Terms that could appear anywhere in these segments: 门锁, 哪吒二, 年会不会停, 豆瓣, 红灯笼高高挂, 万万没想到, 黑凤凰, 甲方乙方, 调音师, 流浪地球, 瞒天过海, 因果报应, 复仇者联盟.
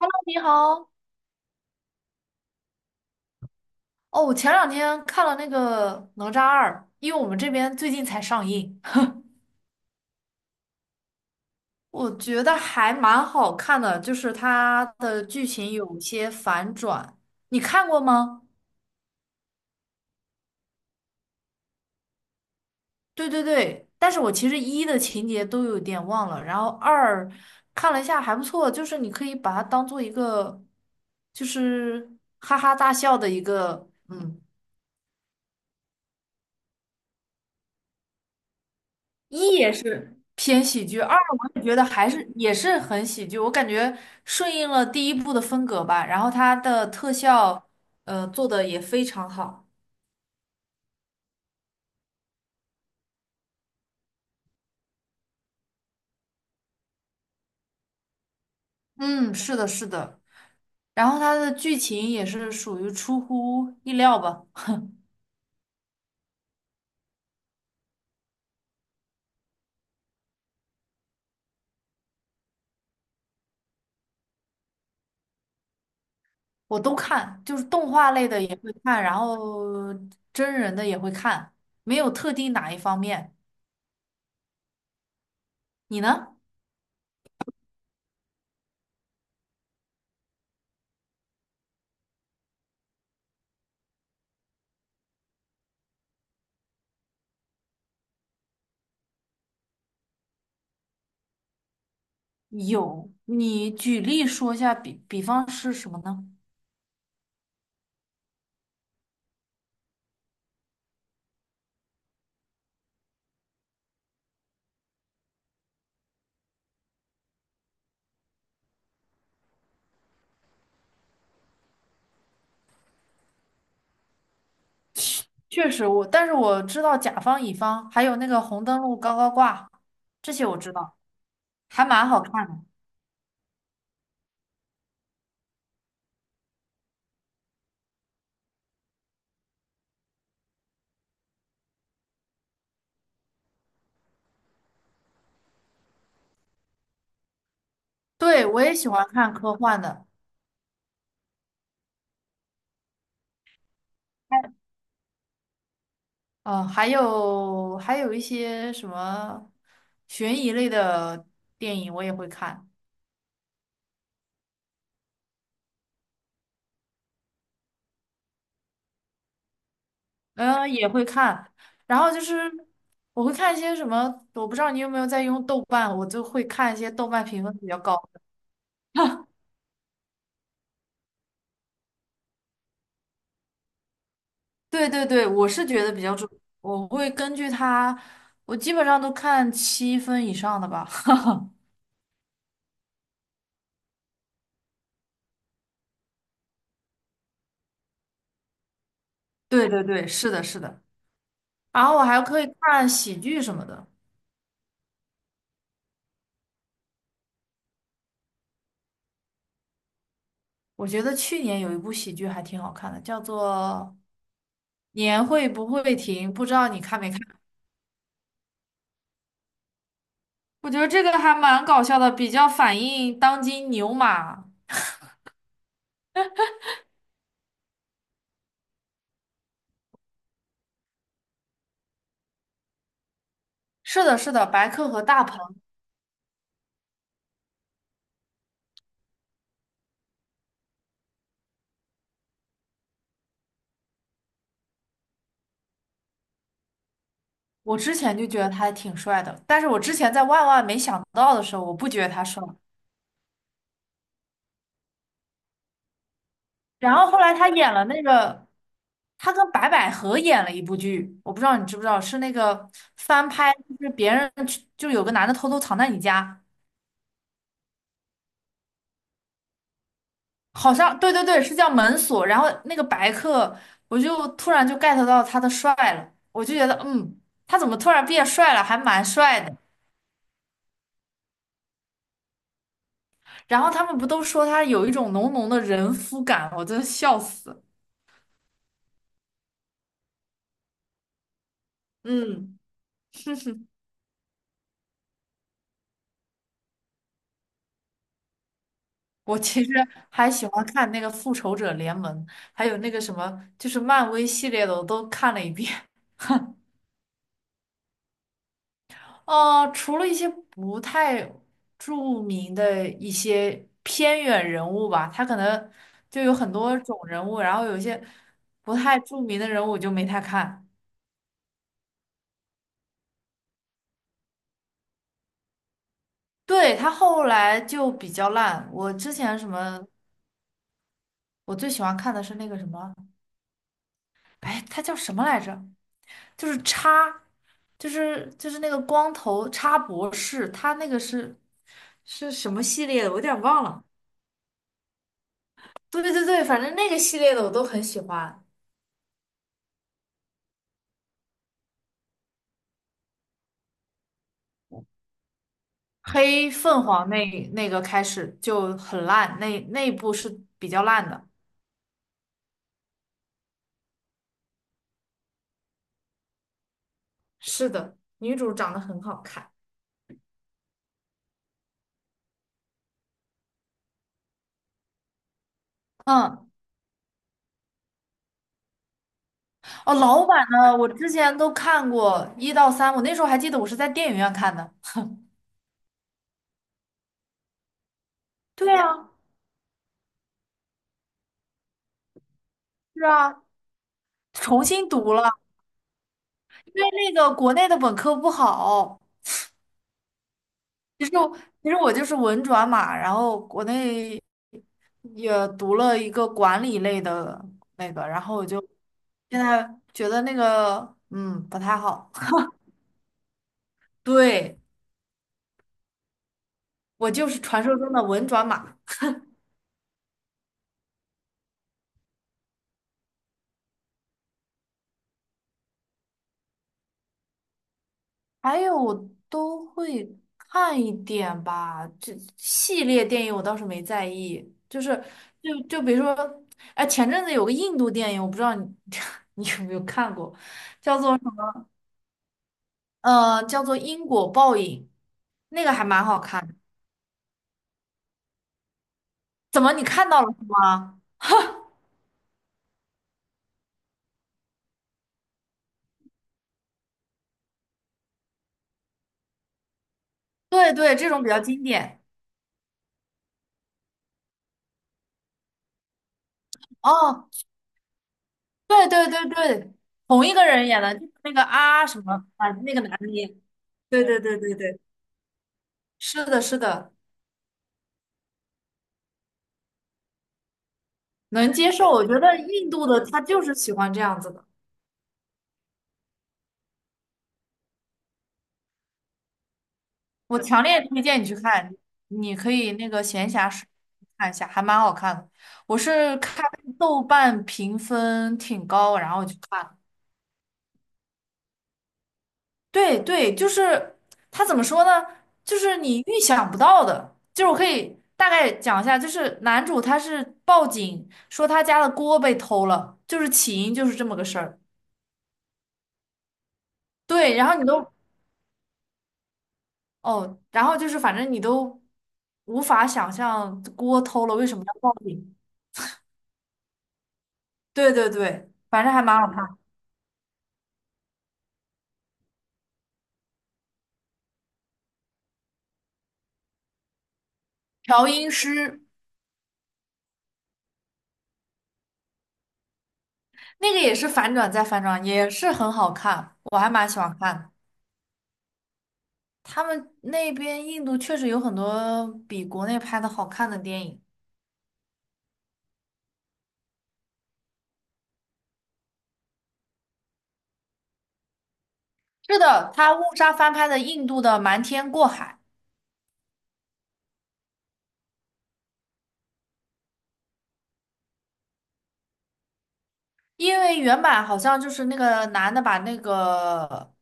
Hello，你好。哦，我前两天看了那个《哪吒二》，因为我们这边最近才上映，我觉得还蛮好看的，就是它的剧情有些反转。你看过吗？对对对，但是我其实一的情节都有点忘了，然后二看了一下还不错，就是你可以把它当做一个就是哈哈大笑的一个一也是偏喜剧，二我也觉得还是也是很喜剧，我感觉顺应了第一部的风格吧，然后它的特效，做的也非常好。嗯，是的，是的，然后它的剧情也是属于出乎意料吧，我都看，就是动画类的也会看，然后真人的也会看，没有特定哪一方面。你呢？有，你举例说一下，比方是什么呢？确实我，但是我知道甲方乙方，还有那个红灯笼高高挂，这些我知道，还蛮好看的。对，我也喜欢看科幻的，还有一些什么悬疑类的电影我也会看，嗯、也会看。然后就是我会看一些什么，我不知道你有没有在用豆瓣，我就会看一些豆瓣评分比较高。对对对，我是觉得比较重，我会根据他，我基本上都看七分以上的吧。哈哈，对对对，是的，是的。然后我还可以看喜剧什么的。我觉得去年有一部喜剧还挺好看的，叫做《年会不会停》，不知道你看没看？我觉得这个还蛮搞笑的，比较反映当今牛马。是的，是的，白客和大鹏，我之前就觉得他还挺帅的，但是我之前在万万没想到的时候，我不觉得他帅。然后后来他演了那个，他跟白百合演了一部剧，我不知道你知不知道，是那个翻拍，就是别人去就有个男的偷偷藏在你家，好像对对对，是叫门锁。然后那个白客，我就突然就 get 到他的帅了，我就觉得他怎么突然变帅了，还蛮帅的。然后他们不都说他有一种浓浓的人夫感，我真的笑死。嗯。我其实还喜欢看那个《复仇者联盟》，还有那个什么，就是漫威系列的，我都看了一遍。除了一些不太著名的一些偏远人物吧，他可能就有很多种人物，然后有一些不太著名的人物我就没太看。对，他后来就比较烂。我之前什么，我最喜欢看的是那个什么，哎，他叫什么来着？就是叉，就是那个光头叉博士，他那个是什么系列的？我有点忘了。对对对，反正那个系列的我都很喜欢。黑凤凰那个开始就很烂，那一部是比较烂的。是的，女主长得很好看。嗯，哦，老版呢，我之前都看过一到三，我那时候还记得我是在电影院看的。对啊，是啊，重新读了，因为那个国内的本科不好。其实我其实我就是文转码，然后国内也读了一个管理类的那个，然后我就现在觉得那个不太好。对，我就是传说中的文转码，还有我都会看一点吧。这系列电影我倒是没在意，就是就比如说，哎，前阵子有个印度电影，我不知道你 你有没有看过，叫做《因果报应》，那个还蛮好看的。怎么你看到了是吗？对对，这种比较经典。哦，对对对对，同一个人演的，就是那个啊什么啊那个男的演。对对对对对，是的，是的，能接受。我觉得印度的他就是喜欢这样子的，我强烈推荐你去看，你可以那个闲暇时看一下，还蛮好看的。我是看豆瓣评分挺高，然后我去看。对对，就是他怎么说呢？就是你预想不到的，就是我可以大概讲一下，就是男主他是报警说他家的锅被偷了，就是起因就是这么个事儿。对，然后你都哦，然后就是反正你都无法想象锅偷了为什么要报警。对对对，反正还蛮好看。调音师那个也是反转再反转，也是很好看，我还蛮喜欢看的。他们那边印度确实有很多比国内拍的好看的电影。是的，他误杀翻拍的印度的《瞒天过海》，因为原版好像就是那个男的把那个，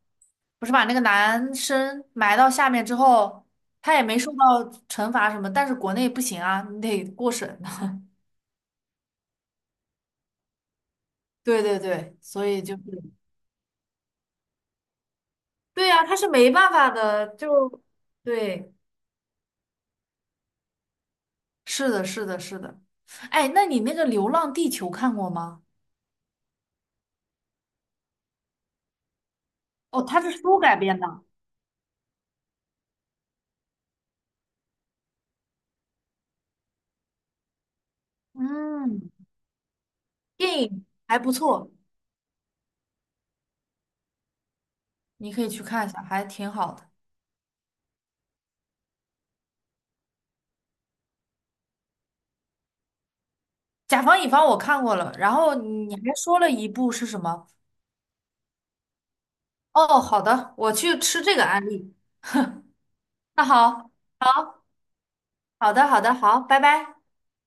不是把那个男生埋到下面之后，他也没受到惩罚什么，但是国内不行啊，你得过审的。对对对，所以就是，对呀，他是没办法的，就对，是的，是的，是的。哎，那你那个《流浪地球》看过吗？哦，它是书改编的，嗯，电影还不错，你可以去看一下，还挺好的。甲方乙方我看过了，然后你还说了一部是什么？哦，好的，我去吃这个案例。那好，好的，好的，好，拜拜。